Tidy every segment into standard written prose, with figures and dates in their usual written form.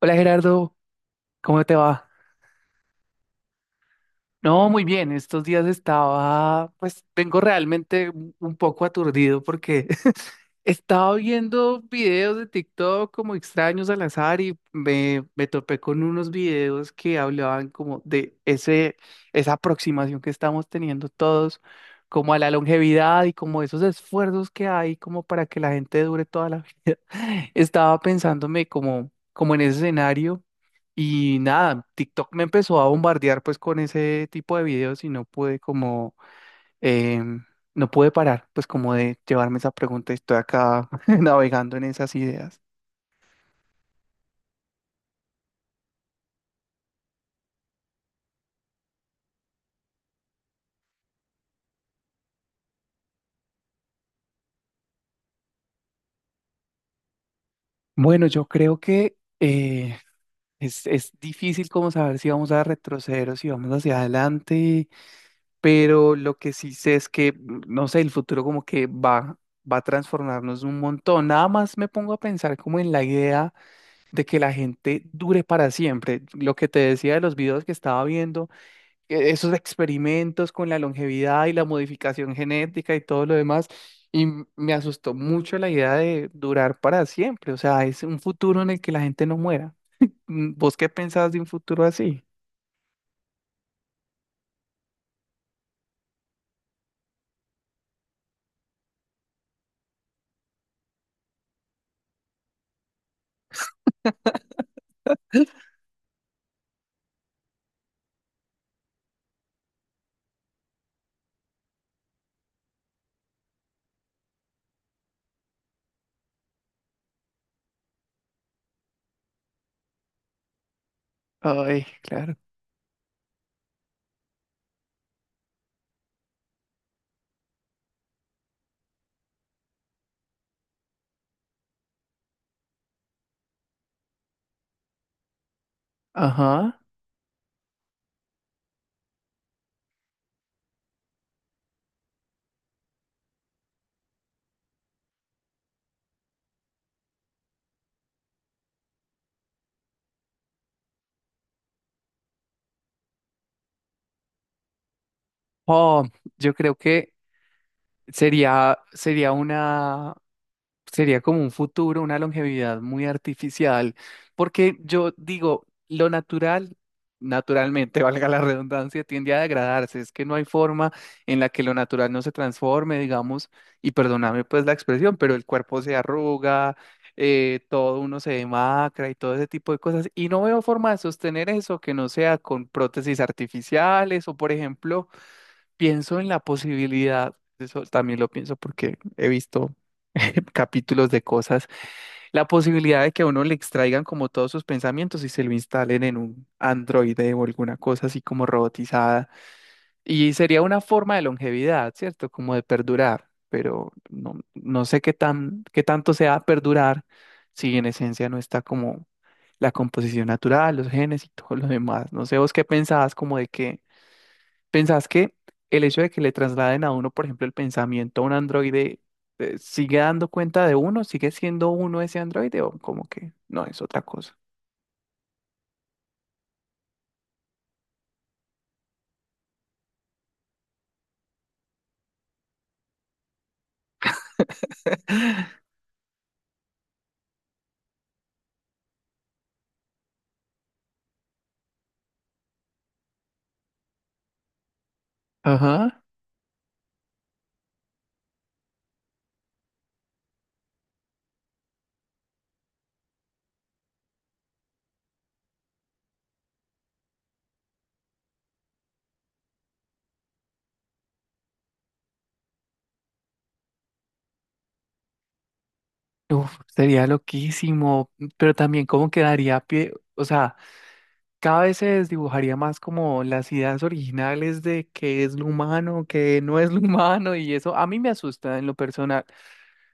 Hola Gerardo, ¿cómo te va? No, muy bien, estos días estaba, pues vengo realmente un poco aturdido porque estaba viendo videos de TikTok como extraños al azar y me topé con unos videos que hablaban como de ese, esa aproximación que estamos teniendo todos, como a la longevidad y como esos esfuerzos que hay como para que la gente dure toda la vida. Estaba pensándome como en ese escenario y nada, TikTok me empezó a bombardear pues con ese tipo de videos y em, no pude parar, pues como de llevarme esa pregunta y estoy acá navegando en esas ideas. Bueno, yo creo que es difícil como saber si vamos a retroceder o si vamos hacia adelante, pero lo que sí sé es que, no sé, el futuro como que va a transformarnos un montón. Nada más me pongo a pensar como en la idea de que la gente dure para siempre. Lo que te decía de los videos que estaba viendo. Esos experimentos con la longevidad y la modificación genética y todo lo demás. Y me asustó mucho la idea de durar para siempre. O sea, es un futuro en el que la gente no muera. ¿Vos qué pensás de un futuro así? Ay, claro. Ajá. Oh, yo creo que sería, sería una Sería como un futuro, una longevidad muy artificial, porque yo digo, lo natural, naturalmente, valga la redundancia, tiende a degradarse, es que no hay forma en la que lo natural no se transforme, digamos, y perdóname pues la expresión, pero el cuerpo se arruga, todo uno se demacra y todo ese tipo de cosas, y no veo forma de sostener eso que no sea con prótesis artificiales o, por ejemplo, pienso en la posibilidad, eso también lo pienso porque he visto capítulos de cosas, la posibilidad de que a uno le extraigan como todos sus pensamientos y se lo instalen en un androide o alguna cosa así como robotizada. Y sería una forma de longevidad, ¿cierto? Como de perdurar, pero no sé qué tan, qué tanto sea perdurar si en esencia no está como la composición natural, los genes y todo lo demás. No sé vos qué pensabas como de que ¿pensás que el hecho de que le trasladen a uno, por ejemplo, el pensamiento a un androide, sigue dando cuenta de uno? ¿Sigue siendo uno ese androide o como que no es otra cosa? Ajá. Uf, sería loquísimo, pero también como quedaría pie, o sea, cada vez se desdibujaría más como las ideas originales de qué es lo humano, qué no es lo humano y eso a mí me asusta en lo personal.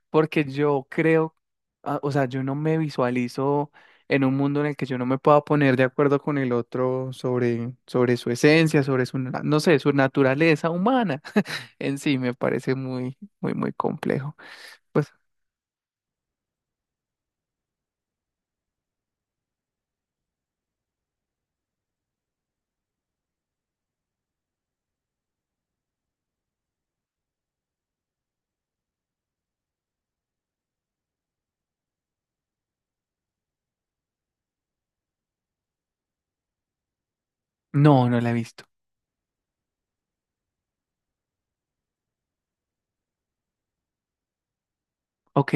Porque yo creo, ah, o sea, yo no me visualizo en un mundo en el que yo no me pueda poner de acuerdo con el otro sobre su esencia, sobre su, no sé, su naturaleza humana en sí, me parece muy, muy, muy complejo. Pues no, no la he visto. Ok,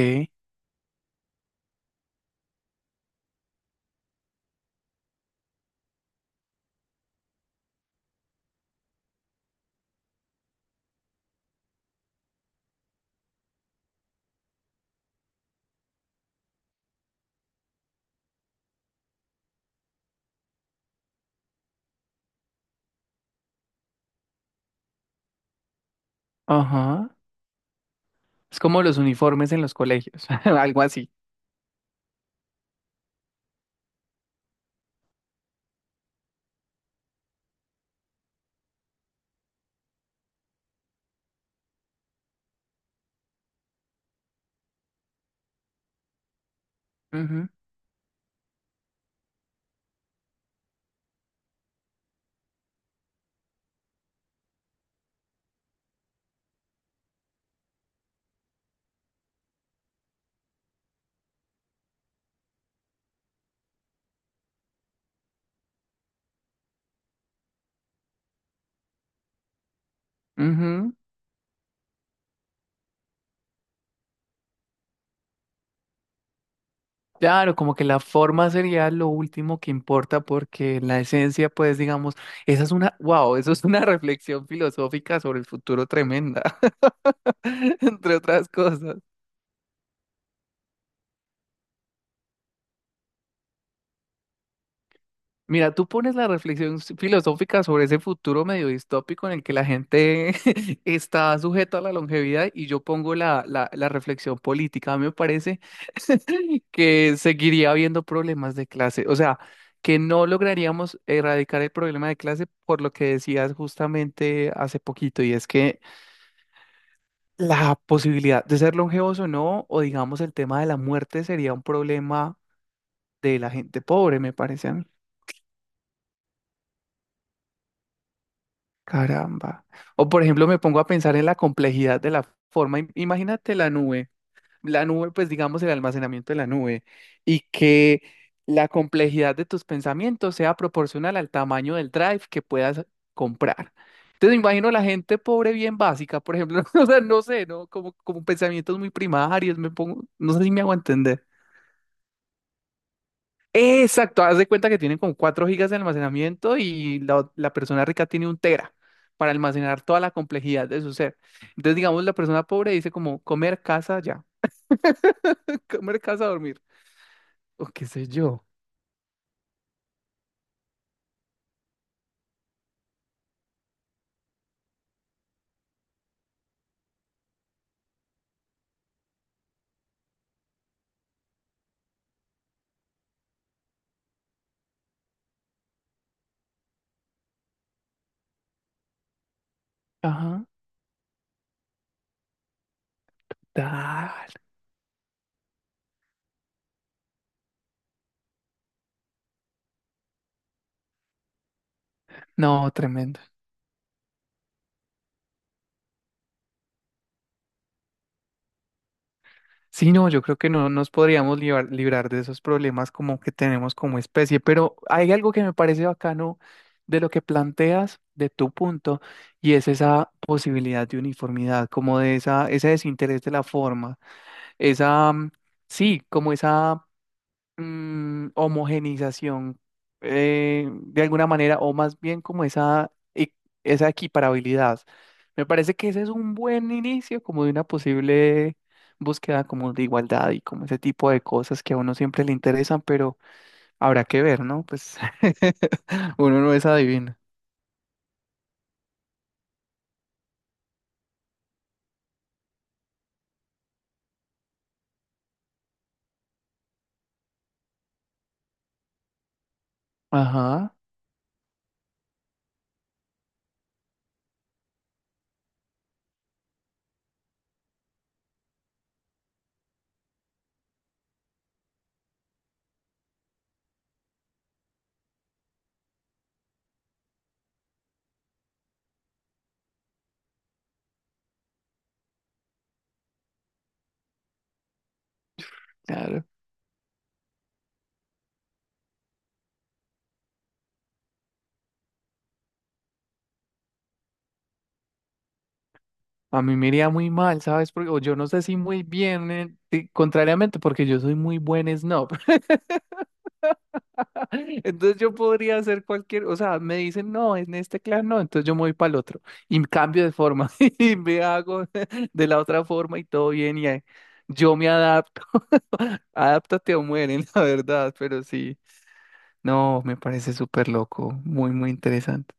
ajá. Es como los uniformes en los colegios, algo así. Ujú, ujú. Claro, como que la forma sería lo último que importa porque la esencia, pues digamos, esa es una, wow, eso es una reflexión filosófica sobre el futuro tremenda, entre otras cosas. Mira, tú pones la reflexión filosófica sobre ese futuro medio distópico en el que la gente está sujeta a la longevidad y yo pongo la reflexión política. A mí me parece que seguiría habiendo problemas de clase, o sea, que no lograríamos erradicar el problema de clase por lo que decías justamente hace poquito, y es que la posibilidad de ser longevos o no, o digamos el tema de la muerte sería un problema de la gente pobre, me parece. Caramba. O por ejemplo, me pongo a pensar en la complejidad de la forma. Imagínate la nube, pues digamos el almacenamiento de la nube, y que la complejidad de tus pensamientos sea proporcional al tamaño del drive que puedas comprar. Entonces me imagino la gente pobre bien básica, por ejemplo, o sea, no sé, ¿no? Como, como pensamientos muy primarios, me pongo, no sé si me hago entender. Exacto, haz de cuenta que tienen como 4 gigas de almacenamiento y la, la persona rica tiene un tera para almacenar toda la complejidad de su ser. Entonces, digamos, la persona pobre dice como comer, casa, ya, comer, casa, dormir, o qué sé yo. Ajá, tal. No, tremendo. Sí, no, yo creo que no nos podríamos librar de esos problemas como que tenemos como especie, pero hay algo que me parece bacano de lo que planteas, de tu punto, y es esa posibilidad de uniformidad, como de esa, ese desinterés de la forma, esa, sí, como esa homogenización de alguna manera, o más bien como esa, esa equiparabilidad. Me parece que ese es un buen inicio como de una posible búsqueda como de igualdad y como ese tipo de cosas que a uno siempre le interesan, pero habrá que ver, ¿no? Pues uno no es adivino. Ajá, claro. A mí me iría muy mal, ¿sabes? Porque o yo no sé si muy bien, y contrariamente, porque yo soy muy buen snob. Entonces yo podría hacer cualquier, o sea, me dicen, no, en este clan no, entonces yo me voy para el otro y cambio de forma y me hago de la otra forma y todo bien y ahí yo me adapto. Adáptate o mueren, la verdad, pero sí, no, me parece súper loco, muy, muy interesante.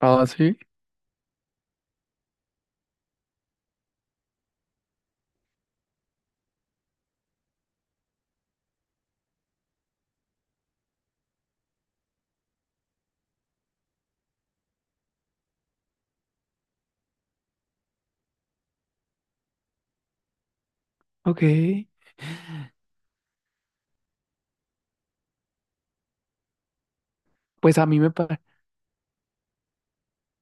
Ah, sí. Ok, pues a mí me parece.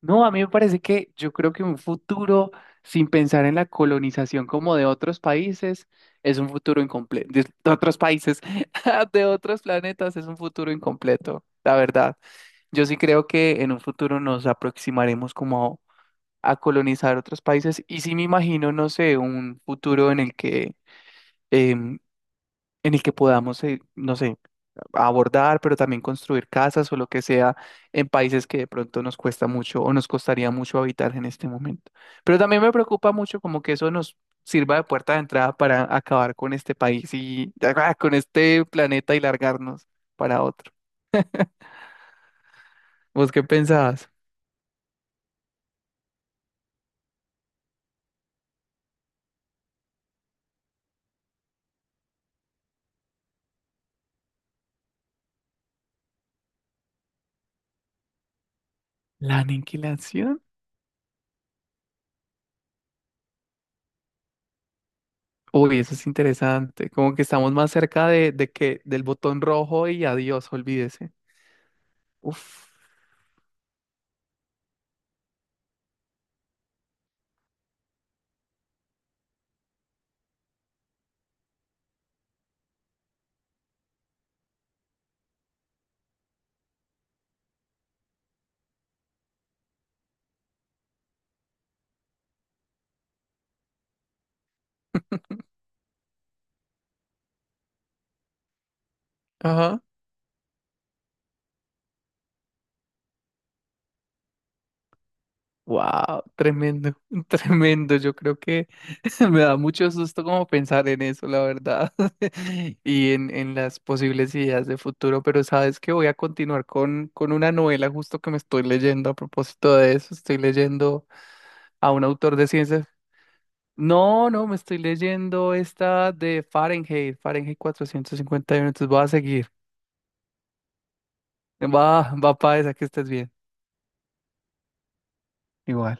No, a mí me parece que yo creo que un futuro sin pensar en la colonización como de otros países es un futuro incompleto. De otros países, de otros planetas es un futuro incompleto, la verdad. Yo sí creo que en un futuro nos aproximaremos como a, colonizar otros países y sí me imagino, no sé, un futuro en el que, em, en el que podamos, no sé abordar, pero también construir casas o lo que sea en países que de pronto nos cuesta mucho o nos costaría mucho habitar en este momento. Pero también me preocupa mucho como que eso nos sirva de puerta de entrada para acabar con este país y con este planeta y largarnos para otro. ¿Vos qué pensabas? ¿La aniquilación? Uy, eso es interesante. Como que estamos más cerca de que del botón rojo y adiós, olvídese. Uf. Ajá. Wow, tremendo, tremendo. Yo creo que me da mucho susto como pensar en eso, la verdad, y en las posibles ideas de futuro, pero sabes que voy a continuar con una novela justo que me estoy leyendo a propósito de eso. Estoy leyendo a un autor de ciencias. No, no, me estoy leyendo esta de Fahrenheit 451. Entonces voy a seguir. Va para esa que estés bien. Igual.